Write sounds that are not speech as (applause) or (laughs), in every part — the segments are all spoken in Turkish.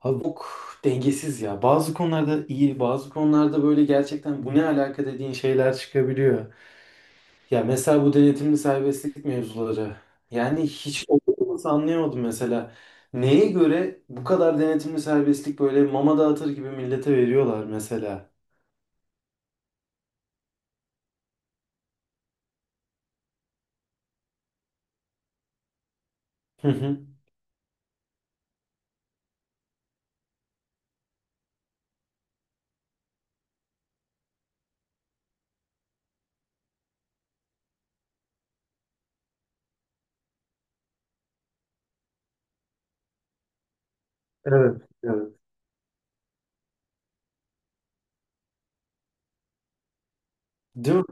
Abi çok dengesiz ya. Bazı konularda iyi, bazı konularda böyle gerçekten bu ne alaka dediğin şeyler çıkabiliyor. Ya mesela bu denetimli serbestlik mevzuları. Yani hiç oturması anlayamadım mesela. Neye göre bu kadar denetimli serbestlik böyle mama dağıtır gibi millete veriyorlar mesela. Hı hı. Evet, evet. Değil mi?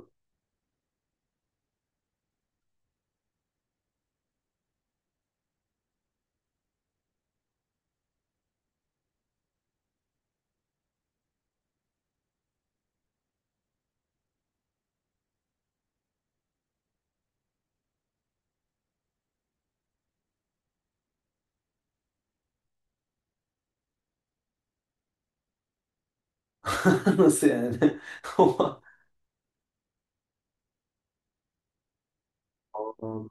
(laughs) Nasıl yani? (laughs) Ama Allah'ım.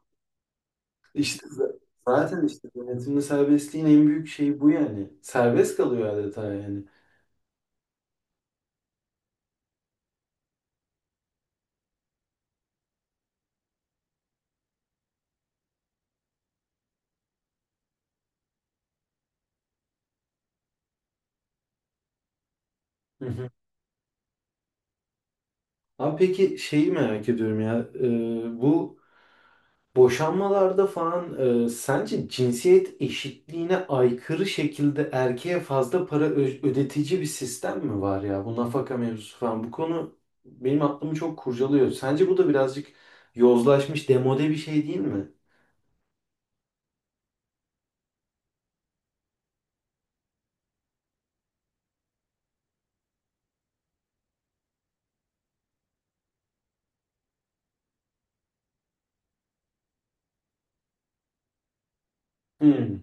İşte z- zaten işte denetimli serbestliğin en büyük şeyi bu yani. Serbest kalıyor adeta yani. Hı hı. Abi peki şeyi merak ediyorum ya, bu boşanmalarda falan, sence cinsiyet eşitliğine aykırı şekilde erkeğe fazla para ödetici bir sistem mi var ya bu nafaka mevzusu falan bu konu benim aklımı çok kurcalıyor. Sence bu da birazcık yozlaşmış demode bir şey değil mi? Hı.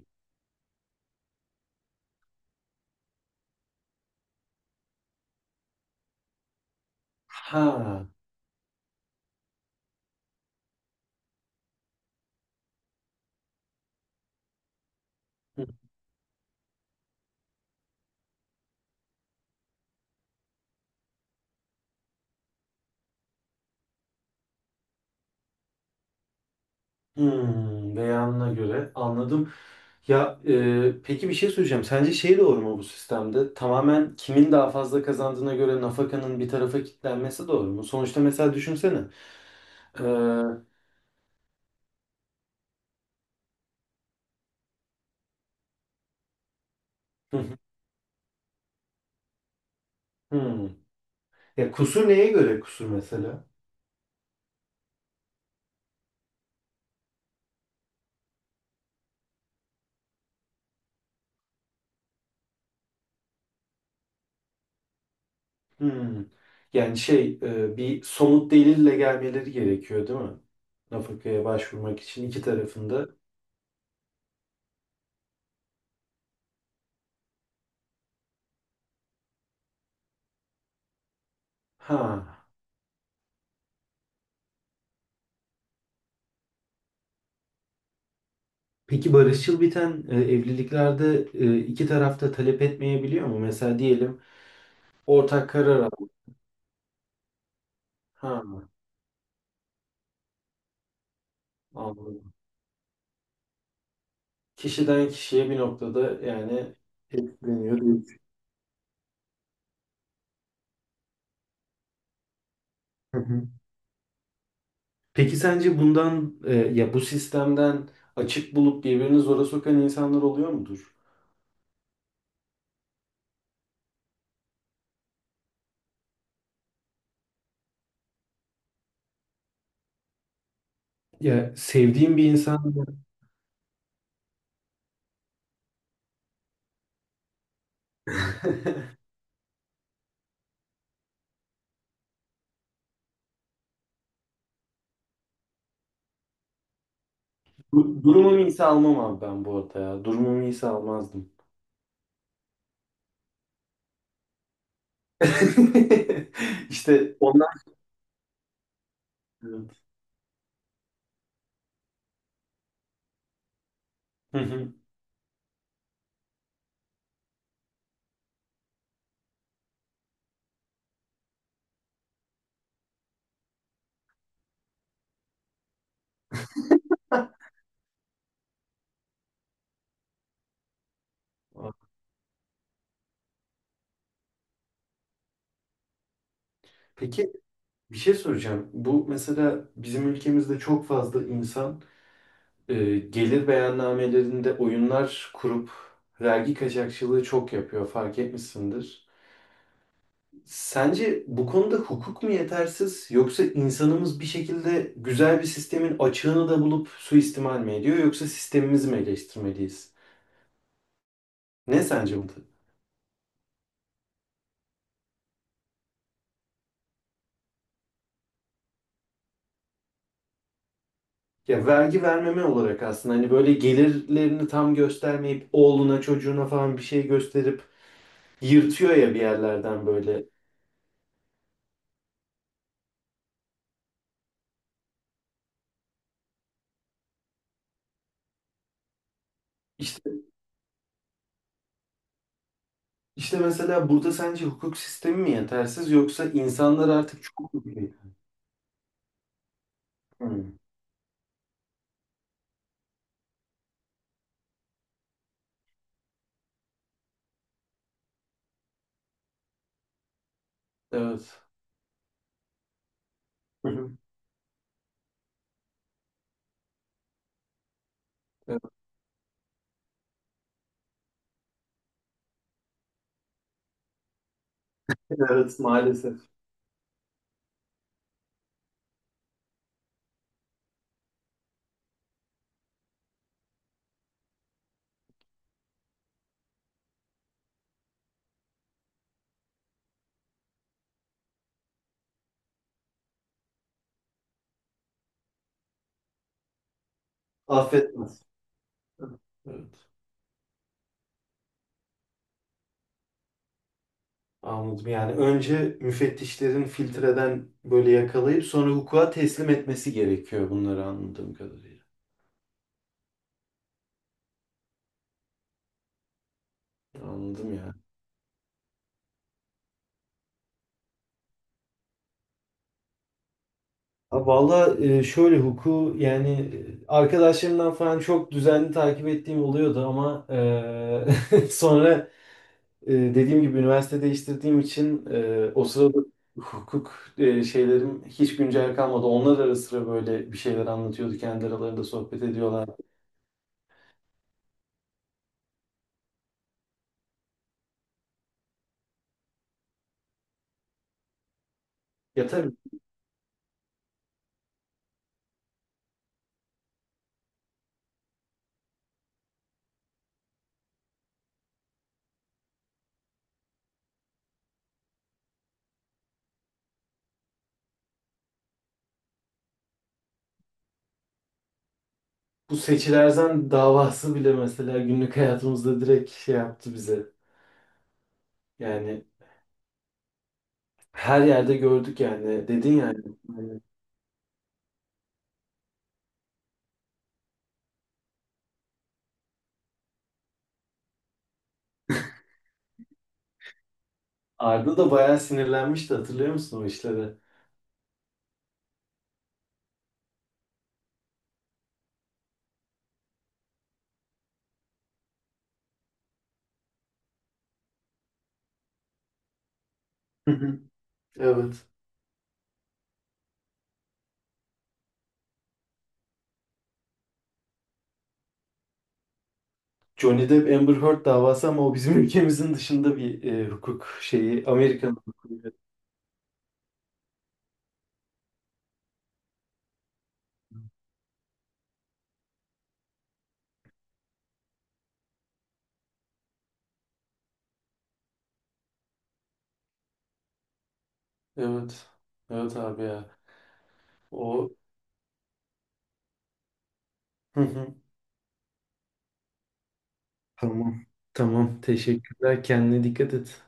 Ha. Hmm. Hmm, beyanına göre anladım. Ya, peki bir şey söyleyeceğim. Sence şey doğru mu bu sistemde? Tamamen kimin daha fazla kazandığına göre nafakanın bir tarafa kilitlenmesi doğru mu? Sonuçta mesela düşünsene. E, hı hı, hmm. Ya kusur neye göre kusur mesela? Hmm. Yani şey, bir somut delille gelmeleri gerekiyor değil mi? Nafakaya başvurmak için iki tarafında. Ha. Peki barışçıl biten evliliklerde, iki tarafta talep etmeyebiliyor mu? Mesela diyelim ortak karar al. Ha, anladım. Kişiden kişiye bir noktada yani etkileniyor diyorsun. Hı hı. Peki sence bundan, ya bu sistemden açık bulup birbirini zora sokan insanlar oluyor mudur? Ya sevdiğim bir insan. (laughs) Durumum iyiyse (laughs) almam abi ben bu arada ya. Durumum iyiyse almazdım. (laughs) İşte onlar. Evet. Hı hı. Peki bir şey soracağım. Bu mesela bizim ülkemizde çok fazla insan, gelir beyannamelerinde oyunlar kurup vergi kaçakçılığı çok yapıyor fark etmişsindir. Sence bu konuda hukuk mu yetersiz yoksa insanımız bir şekilde güzel bir sistemin açığını da bulup suistimal mi ediyor yoksa sistemimizi mi eleştirmeliyiz? Ne sence bu? Ya vergi vermeme olarak aslında hani böyle gelirlerini tam göstermeyip oğluna çocuğuna falan bir şey gösterip yırtıyor ya bir yerlerden böyle. İşte İşte mesela burada sence hukuk sistemi mi yetersiz yoksa insanlar artık çok mu biliyor? Hmm. Evet. Hı hı. Evet. Evet, maalesef. Affetmez. Evet. Anladım. Yani önce müfettişlerin filtreden böyle yakalayıp sonra hukuka teslim etmesi gerekiyor bunları anladığım kadarıyla. Anladım ya. Ha, valla, şöyle hukuku yani, arkadaşlarımdan falan çok düzenli takip ettiğim oluyordu ama, (laughs) sonra, dediğim gibi üniversite değiştirdiğim için o sırada hukuk, şeylerim hiç güncel kalmadı. Onlar ara sıra böyle bir şeyler anlatıyordu. Kendi aralarında sohbet ediyorlar. Ya tabii bu Seçil Erzan davası bile mesela günlük hayatımızda direkt şey yaptı bize. Yani her yerde gördük yani. Dedin yani. Yani Arda da bayağı sinirlenmişti, hatırlıyor musun o işleri? Hı hı. Evet. Johnny Depp Amber Heard davası, ama o bizim (laughs) ülkemizin dışında bir, hukuk şeyi. Amerikan hukuku. Evet. Evet abi ya. O. Hı hı. Tamam. Tamam. Teşekkürler. Kendine dikkat et.